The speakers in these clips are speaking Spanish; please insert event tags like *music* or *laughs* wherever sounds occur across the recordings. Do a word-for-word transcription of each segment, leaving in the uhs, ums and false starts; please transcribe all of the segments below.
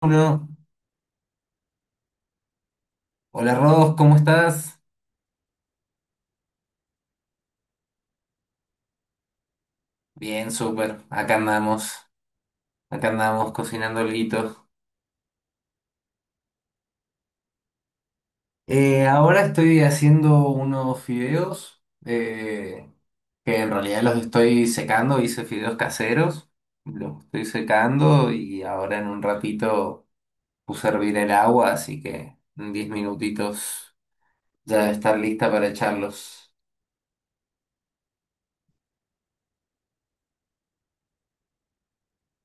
Pablo. Hola Rodos, ¿cómo estás? Bien, súper. Acá andamos, acá andamos cocinando alguito. Eh, ahora estoy haciendo unos fideos eh, que en realidad los estoy secando. Hice fideos caseros, los estoy secando y ahora en un ratito puse a hervir el agua, así que en diez minutitos ya debe estar lista para echarlos.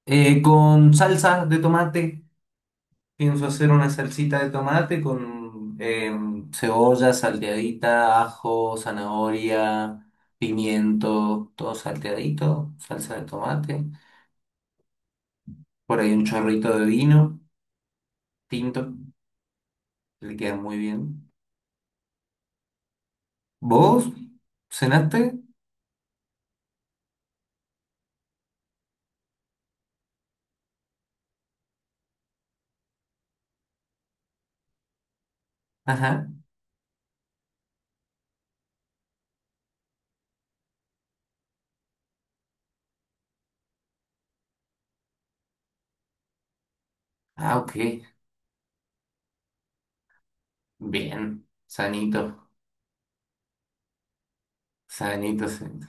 Eh, con salsa de tomate. Pienso hacer una salsita de tomate con em, cebolla salteadita, ajo, zanahoria, pimiento, todo salteadito, salsa de tomate. Por ahí un chorrito de vino tinto, le queda muy bien. ¿Vos cenaste? Ajá. Ah, ok. Bien. Sanito, sanito, sanito.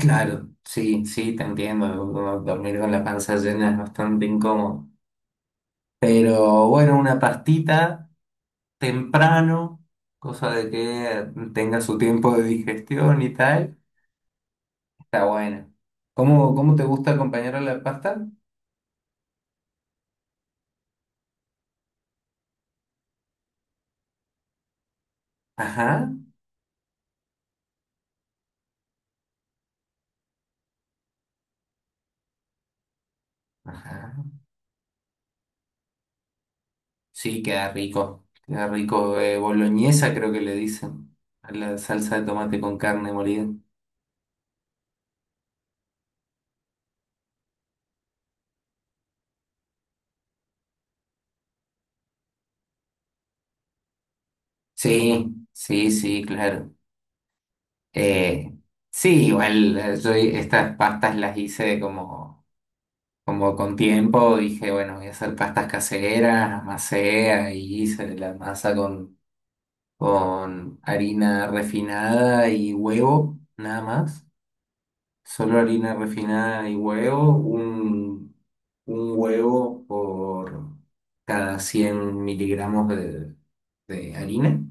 Claro, sí, sí, te entiendo. Uno dormir con la panza llena es bastante incómodo. Pero bueno, una pastita temprano, cosa de que tenga su tiempo de digestión y tal, está buena. ¿Cómo, cómo te gusta acompañar a la pasta? Ajá, ajá. Sí, queda rico. Queda rico. Eh, boloñesa creo que le dicen. A la salsa de tomate con carne molida. Sí, sí, sí, claro. Eh, sí, igual eh, yo estas pastas las hice como, como con tiempo. Dije, bueno, voy a hacer pastas caseras, amasé y hice la masa con con harina refinada y huevo, nada más. Solo harina refinada y huevo, un, un huevo por cada cien miligramos de, de harina.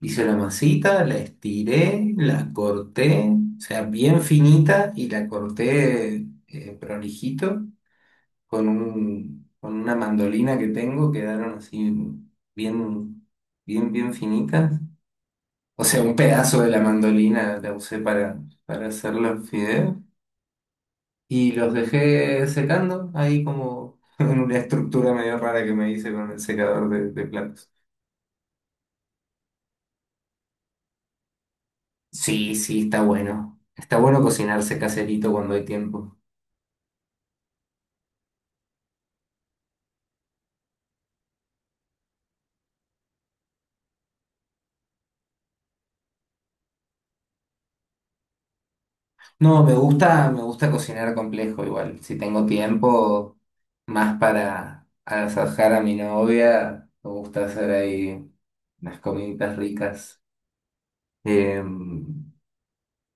Hice la masita, la estiré, la corté, o sea, bien finita y la corté eh, prolijito con un, con una mandolina que tengo, quedaron así bien, bien, bien finitas. O sea, un pedazo de la mandolina la usé para, para hacer los fideos y los dejé secando ahí como *laughs* en una estructura medio rara que me hice con el secador de, de platos. Sí, sí, está bueno. Está bueno cocinarse caserito cuando hay tiempo. No, me gusta, me gusta cocinar complejo igual. Si tengo tiempo, más para agasajar a mi novia, me gusta hacer ahí unas comiditas ricas. Em,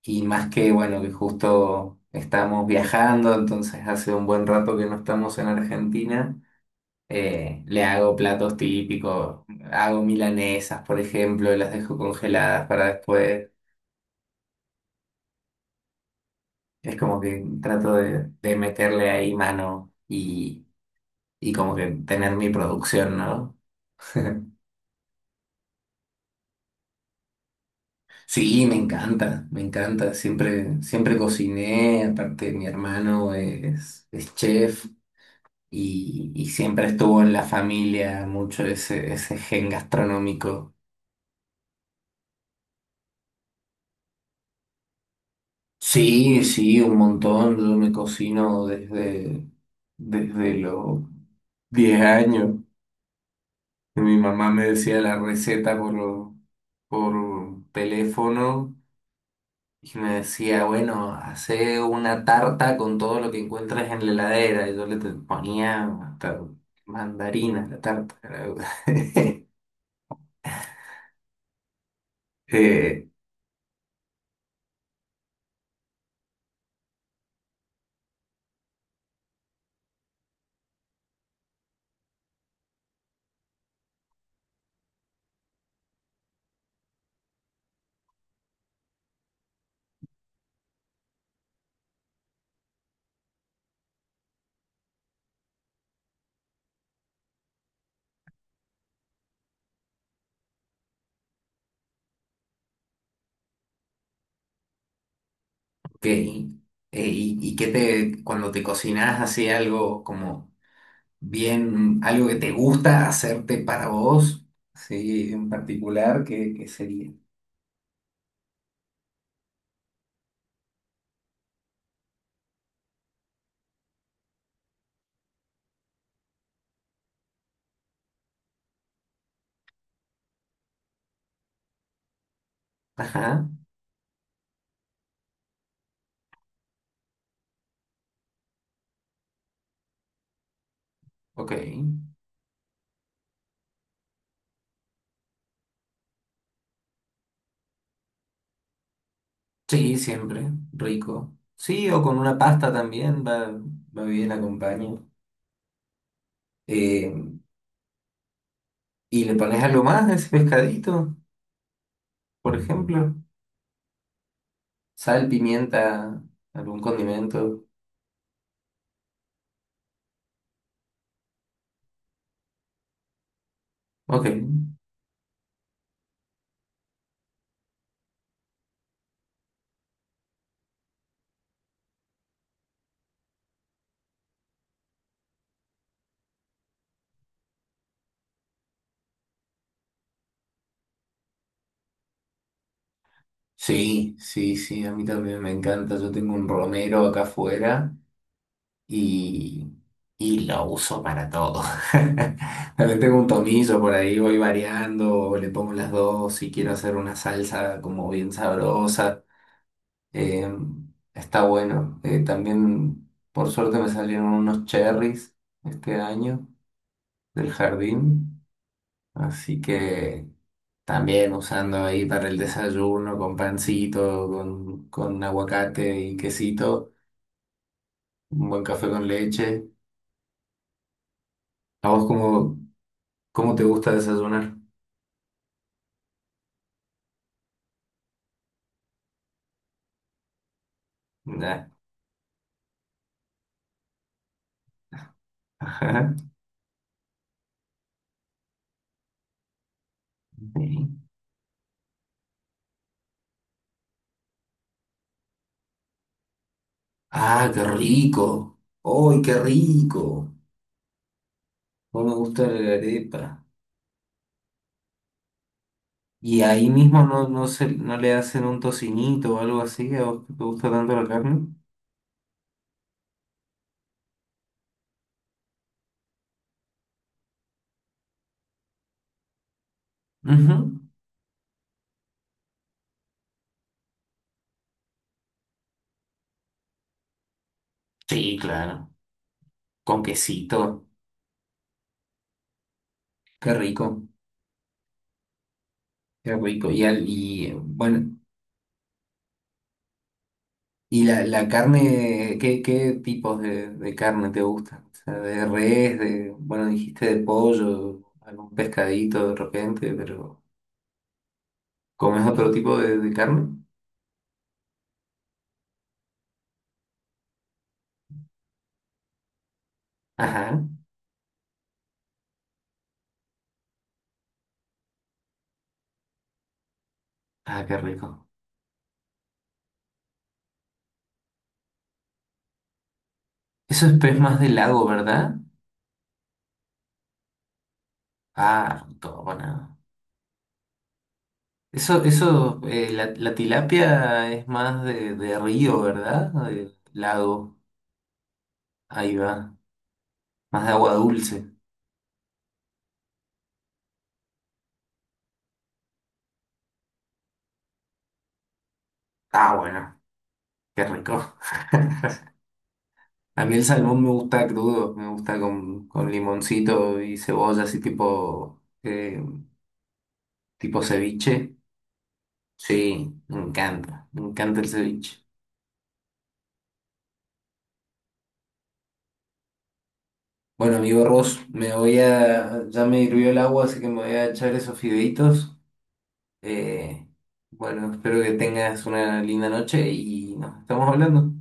Y más que, bueno, que justo estamos viajando, entonces hace un buen rato que no estamos en Argentina, eh, le hago platos típicos, hago milanesas, por ejemplo, y las dejo congeladas para después. Es como que trato de, de meterle ahí mano y, y como que tener mi producción, ¿no? Sí, me encanta, me encanta, siempre, siempre cociné, aparte mi hermano es, es chef, y, y siempre estuvo en la familia mucho ese, ese gen gastronómico. Sí, sí, un montón. Yo me cocino desde, desde los diez años. Mi mamá me decía la receta por, lo- por teléfono y me decía, bueno, hace una tarta con todo lo que encuentres en la heladera. Y yo le te- ponía hasta mandarina a la tarta. *laughs* Eh, ok. Eh, ¿y, y qué te, cuando te cocinas así algo como bien, algo que te gusta hacerte para vos, sí, en particular, qué, qué sería? Ajá, ok. Sí, siempre, rico. Sí, o con una pasta también, va, va bien, acompaño. Eh, y le pones algo más a ese pescadito, por ejemplo, sal, pimienta, algún condimento. Ok, sí, sí, sí, a mí también me encanta. Yo tengo un romero acá afuera y, y lo uso para todo. *laughs* También tengo un tomillo por ahí, voy variando, le pongo las dos si quiero hacer una salsa como bien sabrosa. Eh, está bueno. Eh, también, por suerte, me salieron unos cherries este año del jardín, así que... También usando ahí para el desayuno con pancito, con, con aguacate y quesito, un buen café con leche. ¿A vos cómo, cómo te gusta desayunar? Nah. Ajá. *laughs* Sí. Ah, qué rico. ¡Ay, qué rico! No me gusta la arepa. ¿Y ahí mismo no, no, se, no le hacen un tocinito o algo así? ¿A vos que te gusta tanto la carne? Ujú. Sí, claro. Con quesito. Qué rico. Qué rico. Y, al- y bueno. ¿Y la, la carne, qué, qué tipos de, de carne te gustan? O sea, de res, de, bueno, dijiste de pollo, algún pescadito de repente, pero ¿comes otro tipo de, de carne? Ajá. Ah, qué rico. Eso es pez más de lago, ¿verdad? Ah, no, todo bueno. Eso, eso, eh, la, la tilapia es más de, de río, ¿verdad? De lago. Ahí va. Más de agua dulce. Ah, bueno, qué rico. A mí el salmón me gusta crudo, me gusta con, con limoncito y cebolla, así tipo, eh, tipo ceviche. Sí, me encanta, me encanta el ceviche. Bueno, amigo Ross, me voy a, ya me hirvió el agua, así que me voy a echar esos fideitos. Eh, bueno, espero que tengas una linda noche y nos estamos hablando.